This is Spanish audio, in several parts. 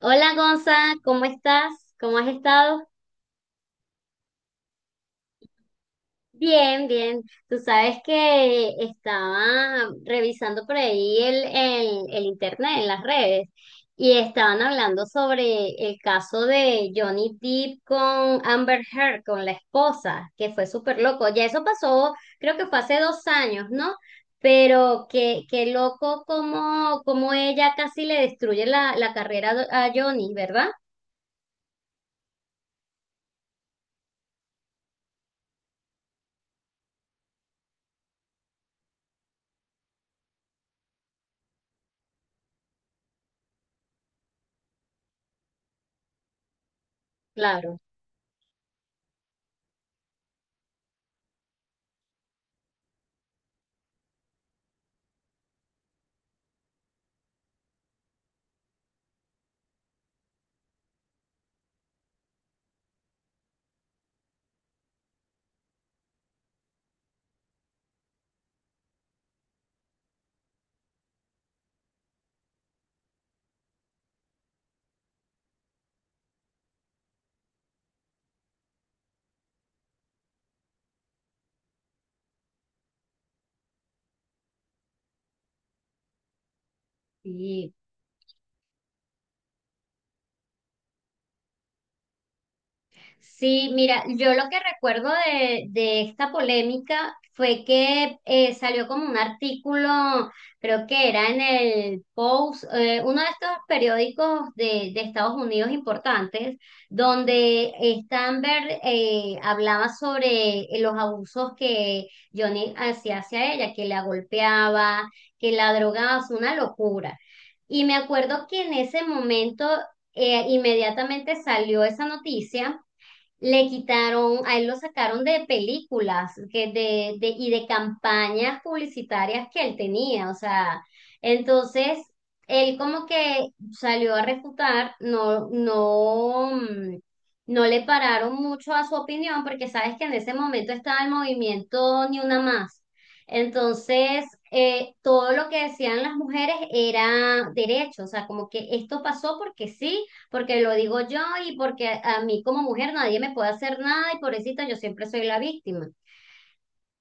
Hola Gonza, ¿cómo estás? ¿Cómo has estado? Bien, bien. Tú sabes que estaba revisando por ahí el internet, en las redes, y estaban hablando sobre el caso de Johnny Depp con Amber Heard, con la esposa, que fue súper loco. Ya eso pasó, creo que fue hace 2 años, ¿no? Pero qué loco como ella casi le destruye la carrera a Johnny, ¿verdad? Claro. Sí, sí, mira, yo lo que recuerdo de esta polémica fue que salió como un artículo, creo que era en el Post, uno de estos periódicos de Estados Unidos importantes, donde Stanberg hablaba sobre los abusos que Johnny hacía hacia ella, que la golpeaba, que la drogaba, es una locura. Y me acuerdo que en ese momento inmediatamente salió esa noticia. Le quitaron, a él lo sacaron de películas que de, y de campañas publicitarias que él tenía, o sea, entonces él como que salió a refutar, no, no, no le pararon mucho a su opinión porque sabes que en ese momento estaba el movimiento Ni Una Más. Entonces, todo lo que decían las mujeres era derecho, o sea, como que esto pasó porque sí porque lo digo yo y porque a mí como mujer nadie me puede hacer nada y pobrecita, yo siempre soy la víctima.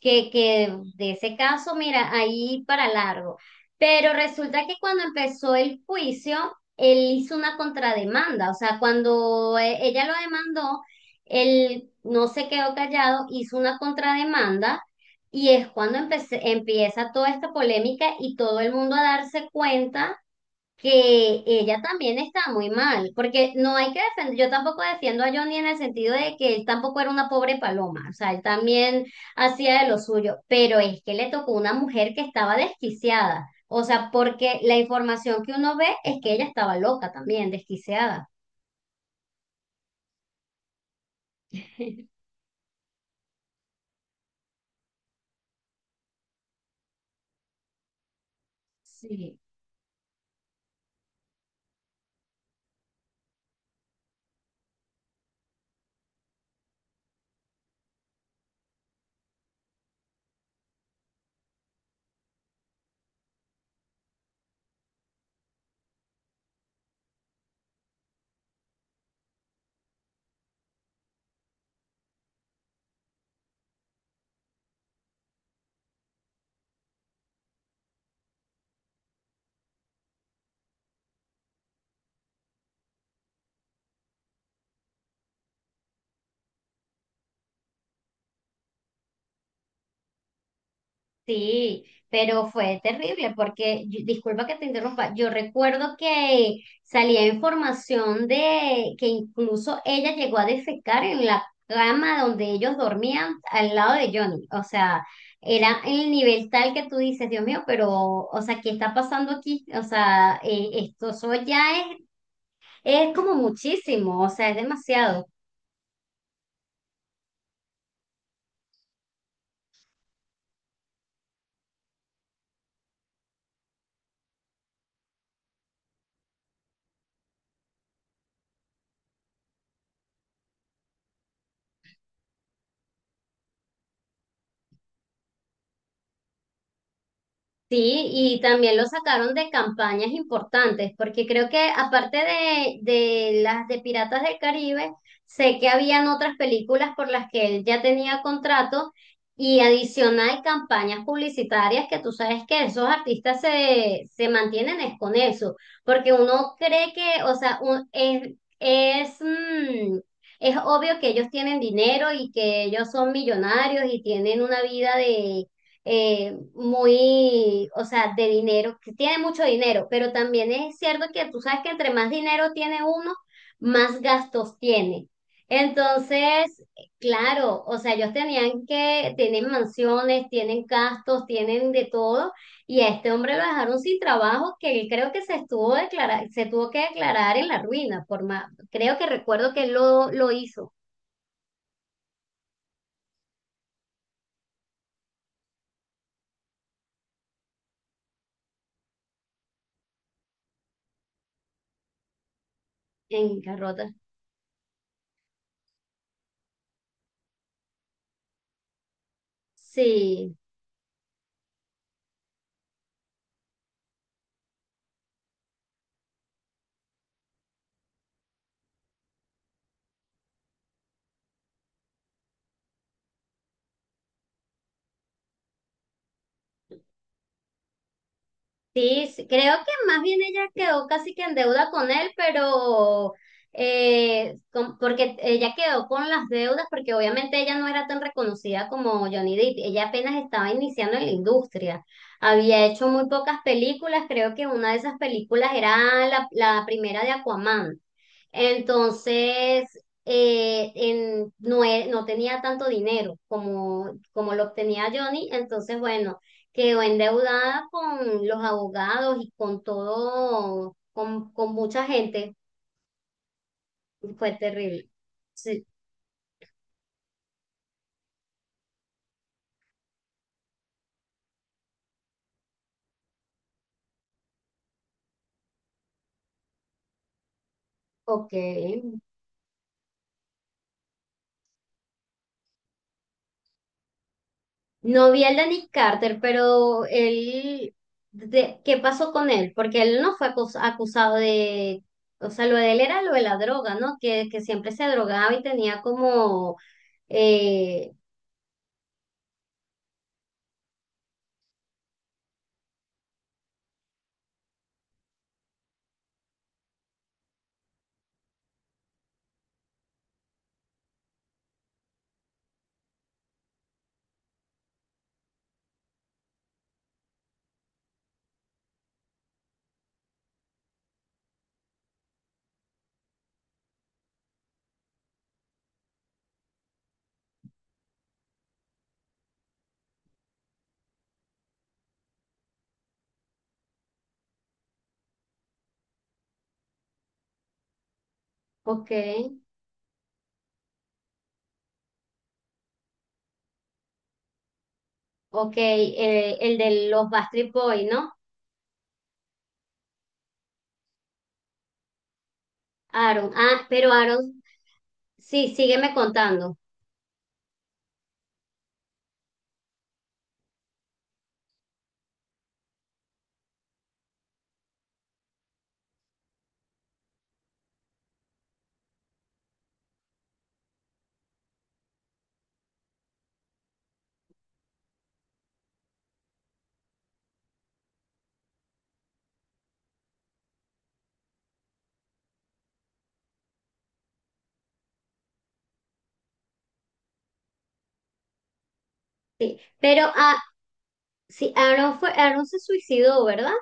Que de ese caso, mira, ahí para largo. Pero resulta que cuando empezó el juicio, él hizo una contrademanda, o sea, cuando ella lo demandó, él no se quedó callado, hizo una contrademanda. Y es cuando empieza toda esta polémica y todo el mundo a darse cuenta que ella también está muy mal, porque no hay que defender, yo tampoco defiendo a Johnny en el sentido de que él tampoco era una pobre paloma, o sea, él también hacía de lo suyo, pero es que le tocó una mujer que estaba desquiciada, o sea, porque la información que uno ve es que ella estaba loca también, desquiciada. Sí. Sí, pero fue terrible porque, disculpa que te interrumpa, yo recuerdo que salía información de que incluso ella llegó a defecar en la cama donde ellos dormían al lado de Johnny. O sea, era el nivel tal que tú dices, Dios mío, pero, o sea, ¿qué está pasando aquí? O sea, esto eso ya es como muchísimo, o sea, es demasiado. Sí, y también lo sacaron de campañas importantes, porque creo que aparte de las de Piratas del Caribe, sé que habían otras películas por las que él ya tenía contrato y adicional campañas publicitarias que tú sabes que esos artistas se, se mantienen es con eso, porque uno cree que, o sea, es, es, mm, es obvio que ellos tienen dinero y que ellos son millonarios y tienen una vida muy, o sea, de dinero, que tiene mucho dinero, pero también es cierto que tú sabes que entre más dinero tiene uno, más gastos tiene. Entonces, claro, o sea, ellos tienen mansiones, tienen gastos, tienen de todo, y a este hombre lo dejaron sin trabajo, que él creo que se tuvo que declarar en la ruina, por más, creo que recuerdo que él lo hizo en Carrota. Sí. Sí, sí, creo que más bien ella quedó casi que en deuda con él, pero porque ella quedó con las deudas, porque obviamente ella no era tan reconocida como Johnny Depp, ella apenas estaba iniciando en la industria, había hecho muy pocas películas, creo que una de esas películas era la primera de Aquaman, entonces no, no tenía tanto dinero como, como lo obtenía Johnny, entonces bueno quedó endeudada con los abogados y con todo, con mucha gente. Fue terrible. Sí, ok. No vi el de Nick Carter, pero él, ¿qué pasó con él? Porque él no fue acusado de, o sea, lo de él era lo de la droga, ¿no? Que siempre se drogaba y tenía como, eh, ok, ok, el de los Backstreet Boys, ¿no? Aaron, ah, pero Aaron, sí, sígueme contando. Pero ah, sí, Aaron se suicidó, ¿verdad?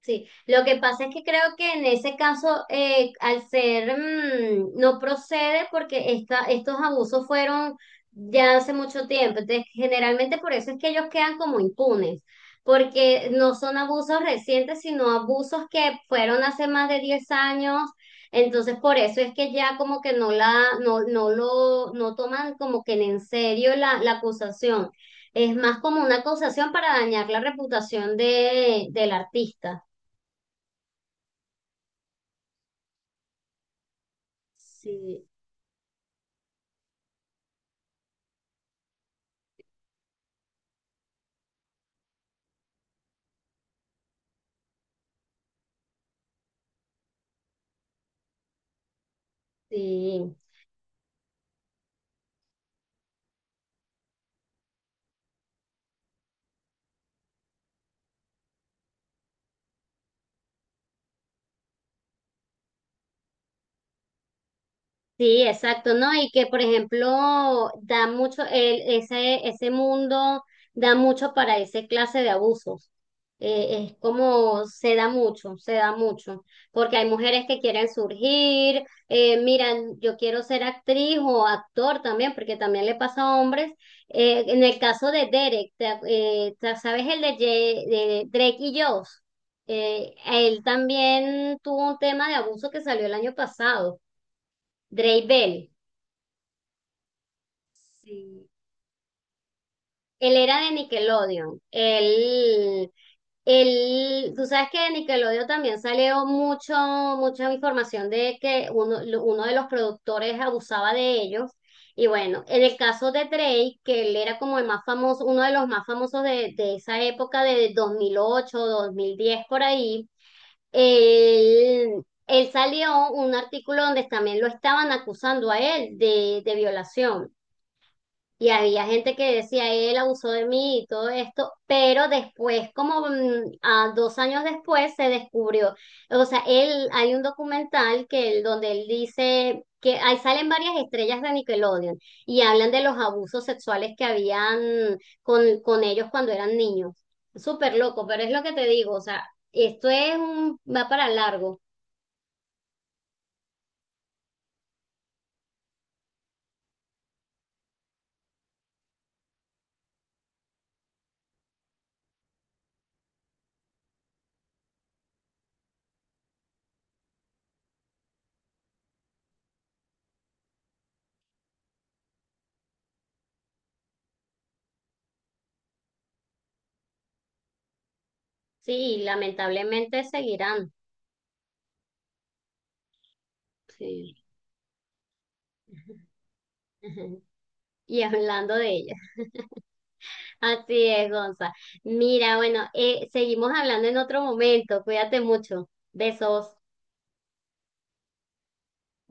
Sí, lo que pasa es que creo que en ese caso, al ser, no procede porque esta, estos abusos fueron ya hace mucho tiempo. Entonces, generalmente por eso es que ellos quedan como impunes, porque no son abusos recientes, sino abusos que fueron hace más de 10 años. Entonces, por eso es que ya como que no, no toman como que en serio la acusación. Es más como una acusación para dañar la reputación del artista. Sí, sí. Sí, exacto, ¿no? Y que, por ejemplo, da mucho, ese mundo da mucho para esa clase de abusos. Es como se da mucho, porque hay mujeres que quieren surgir, miran, yo quiero ser actriz o actor también, porque también le pasa a hombres. En el caso de Derek, ¿sabes el de Drake y Josh? Él también tuvo un tema de abuso que salió el año pasado, Drake Bell. Sí. Él era de Nickelodeon. Tú sabes que de Nickelodeon también salió mucha información de que uno de los productores abusaba de ellos. Y bueno, en el caso de Drake, que él era como el más famoso, uno de los más famosos de esa época de 2008, 2010 por ahí, él, él salió un artículo donde también lo estaban acusando a él de violación. Y había gente que decía, él abusó de mí y todo esto, pero después, como a 2 años después, se descubrió. O sea, él, hay un documental que donde él dice que ahí salen varias estrellas de Nickelodeon y hablan de los abusos sexuales que habían con ellos cuando eran niños. Súper loco, pero es lo que te digo, o sea, esto es va para largo, sí, y lamentablemente seguirán. Sí. Y hablando de ellos. Así es, Gonza. Mira, bueno, seguimos hablando en otro momento. Cuídate mucho. Besos.